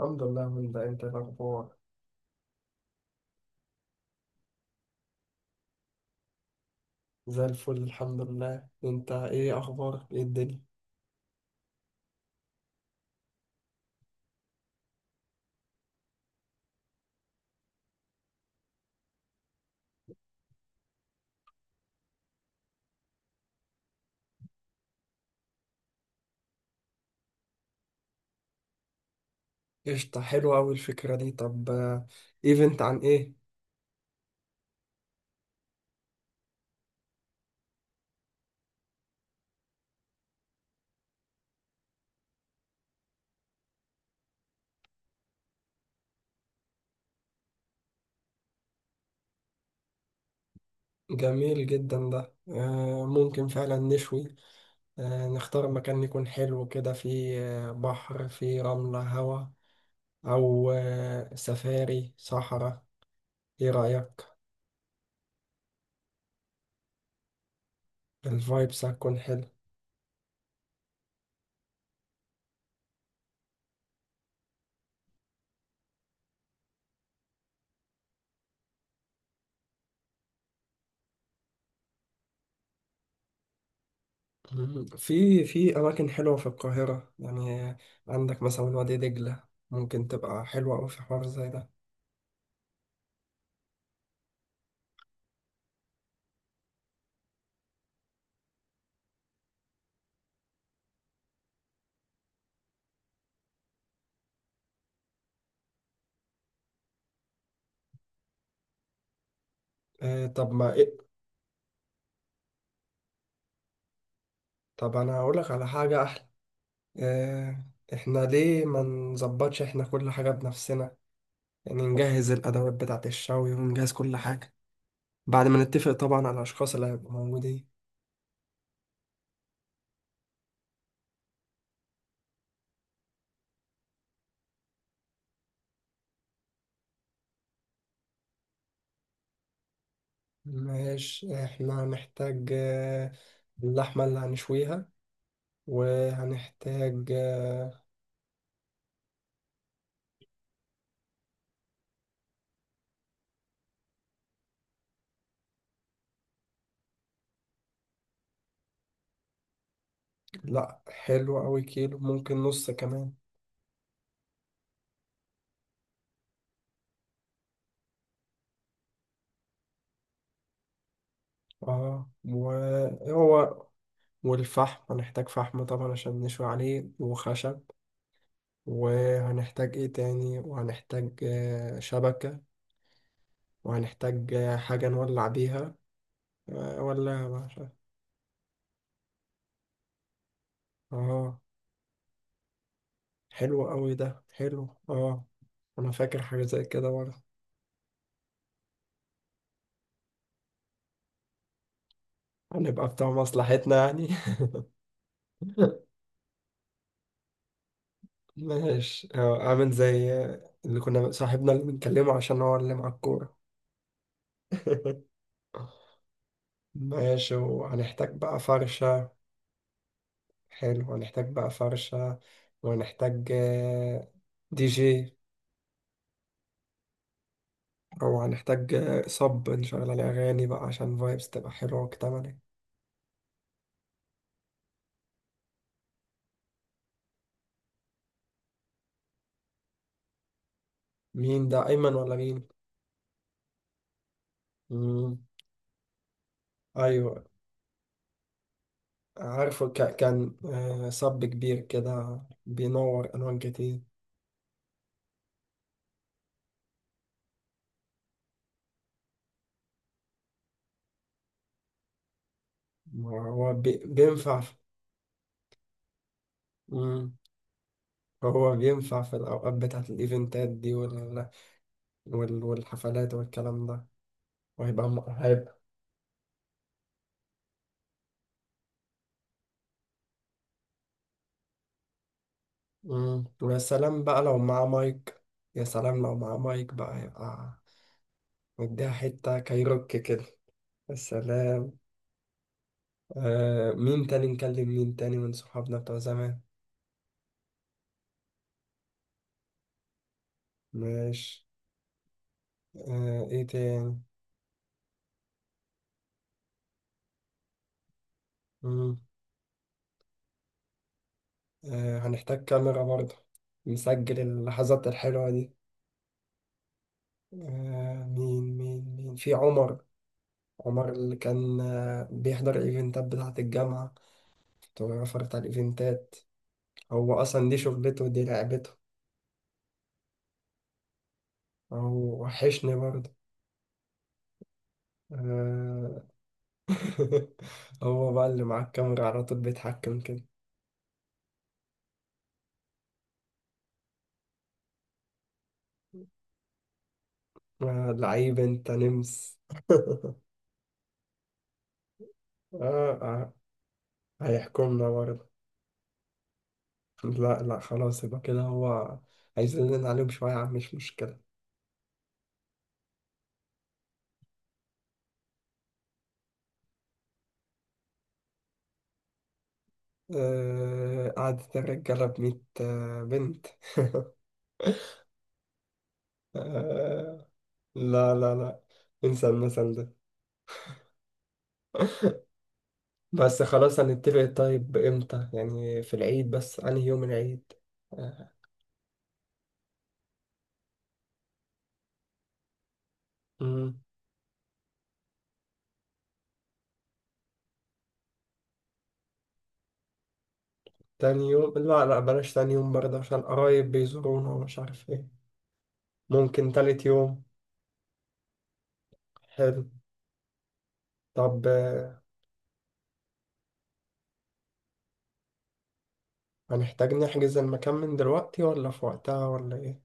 الحمد لله، من ده. انت إيه الاخبار؟ زي الفل، الحمد لله. انت ايه اخبارك؟ ايه الدنيا؟ قشطة، حلوة اوي الفكرة دي. طب ايفنت عن ايه؟ جميل جدا ده. ممكن فعلا نشوي. نختار مكان يكون حلو كده، فيه بحر، فيه رملة، هوا. او سفاري صحراء. ايه رأيك؟ الفايبس هتكون حلو. مم. في أماكن حلوة في القاهرة، يعني. عندك مثلا وادي دجلة، ممكن تبقى حلوة أوي في حوار زي ده. طب ما إيه. طب أنا هقولك على حاجة أحلى. آه إحنا ليه ما نظبطش إحنا كل حاجة بنفسنا؟ يعني نجهز الأدوات بتاعة الشوي ونجهز كل حاجة، بعد ما نتفق طبعا على الأشخاص اللي هيبقوا موجودين. ماشي، إحنا هنحتاج اللحمة اللي هنشويها، وهنحتاج لا، حلو أوي، كيلو ممكن نص كمان. اه، وهو. والفحم هنحتاج فحم طبعا عشان نشوي عليه، وخشب. وهنحتاج ايه تاني؟ وهنحتاج شبكة. وهنحتاج حاجة نولع بيها ولا باشا. اه، حلو أوي ده، حلو، اه. أنا فاكر حاجة زي كده برضه. هنبقى بتوع مصلحتنا يعني. ماشي، عامل زي اللي كنا صاحبنا اللي بنكلمه، عشان هو اللي مع الكورة. ماشي، وهنحتاج بقى فرشة. حلو، هنحتاج بقى فرشة. وهنحتاج دي جي، أو هنحتج صب نشغل عليه أغاني بقى عشان فايبس تبقى حلوة وكتملة. مين ده؟ أيمن ولا مين؟ مم. أيوة. عارفه، كان صب كبير كده بينور ألوان كتير. هو بينفع. مم. هو بينفع في الأوقات بتاعت الإيفنتات دي، والحفلات والكلام ده. وهيبقى م... هيبقى مم. ويا سلام بقى لو معاه مايك. يا سلام، لو معاه مايك بقى يبقى مديها حتة كايروكي كده. يا سلام. مين تاني نكلم؟ مين تاني من صحابنا بتوع زمان؟ ماشي. ايه تاني؟ مم. هنحتاج كاميرا برضه، نسجل اللحظات الحلوة دي. مين في عمر؟ عمر اللي كان بيحضر الايفنتات بتاعة الجامعة، فوتوغرافر بتاع الايفنتات. هو اصلا دي شغلته، دي لعبته. هو وحشني برضه. آه. هو بقى اللي معاه الكاميرا على طول بيتحكم كده. آه. لعيب انت نمس. آه. آه. هيحكمنا برضه. لا، لا، خلاص يبقى كده هو هيزلنا عليهم شوية، يا عم، مش مشكلة. آه. قعدت الرجالة بميت بنت. آه. لا، لا، لا، انسى المثل ده. بس خلاص هنتفق. طيب امتى يعني؟ في العيد، بس انهي يوم العيد؟ آه. تاني يوم، لا، لا، بلاش تاني يوم برضه، عشان قرايب بيزورونا ومش عارف ايه. ممكن تالت يوم. حلو. طب هنحتاج نحجز المكان من دلوقتي ولا في وقتها ولا ايه؟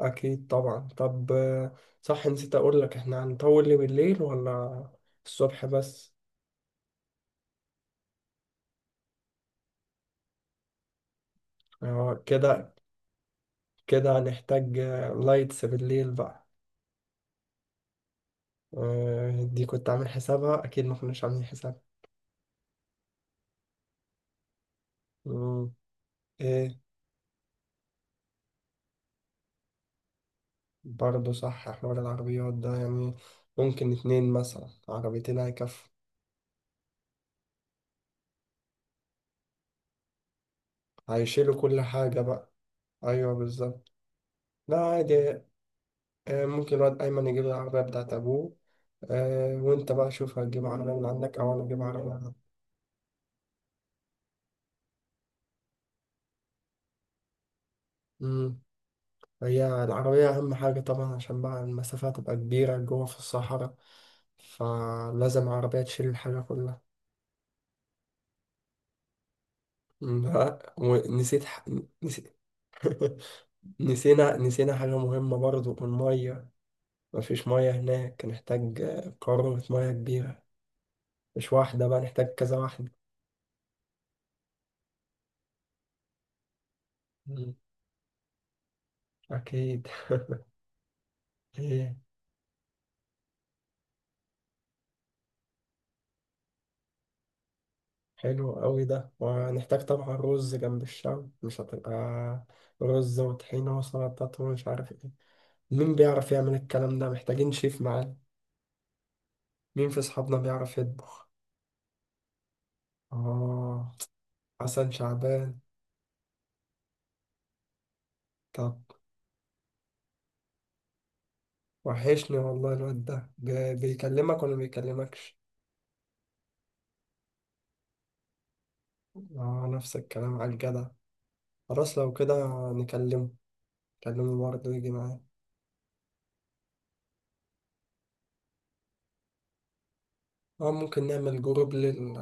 اكيد طبعا. طب صح، نسيت اقول لك، احنا هنطول ليه بالليل ولا الصبح بس؟ كده كده هنحتاج لايتس بالليل بقى. دي كنت عامل حسابها؟ اكيد ما كناش عاملين حسابها. مم. آه، برضه صح، حوار العربيات ده يعني، ممكن 2 مثلا عربيتين هيكفوا. هيشيلوا كل حاجة بقى. أيوه، بالظبط. لا، عادي. ممكن الواد أيمن يجيب العربية بتاعت أبوه. وأنت بقى شوف هتجيب عربية من عندك أو أنا أجيب عربية من عندي. أمم، هي العربية أهم حاجة طبعا، عشان بقى المسافة تبقى كبيرة جوه في الصحراء، فلازم عربية تشيل الحاجة كلها. لا، نسيت. نسينا حاجة مهمة برضه، المية. مفيش مية هناك، نحتاج قارورة مية كبيرة. مش واحدة بقى، نحتاج كذا واحدة. مم. أكيد. إيه؟ حلو أوي ده. وهنحتاج طبعا رز. جنب الشام مش هتبقى رز وطحينة وسلطات ومش عارف إيه؟ مين بيعرف يعمل الكلام ده؟ محتاجين شيف معانا. مين في أصحابنا بيعرف يطبخ؟ آه. حسن شعبان. طب، وحشني والله الواد ده. بيكلمك ولا بيكلمكش؟ آه، نفس الكلام على الجدع. خلاص، لو كده نكلمه. كلمه برضه يجي معايا. اه، ممكن نعمل جروب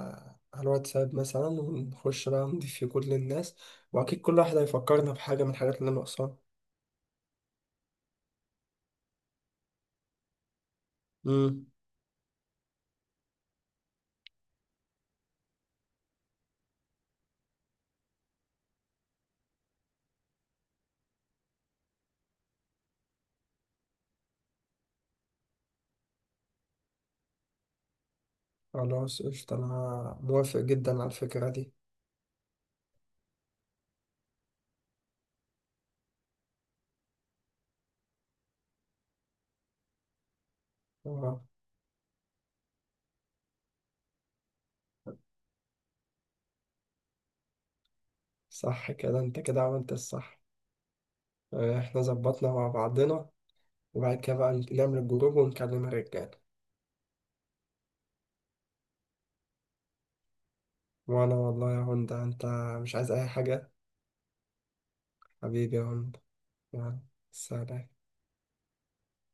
على الواتساب مثلا، ونخش بقى نضيف فيه كل الناس. واكيد كل واحد هيفكرنا بحاجة من الحاجات اللي ناقصاها. امم خلاص، قشطة، انا موافق جدا على الفكرة دي. اه، صح، كده انت كده عملت الصح. احنا ظبطنا مع بعضنا. وبعد كده بقى نعمل الجروب ونكلم الرجال. وانا والله يا هوندا، انت مش عايز اي حاجة. حبيبي يا هوندا. يلا، سلام.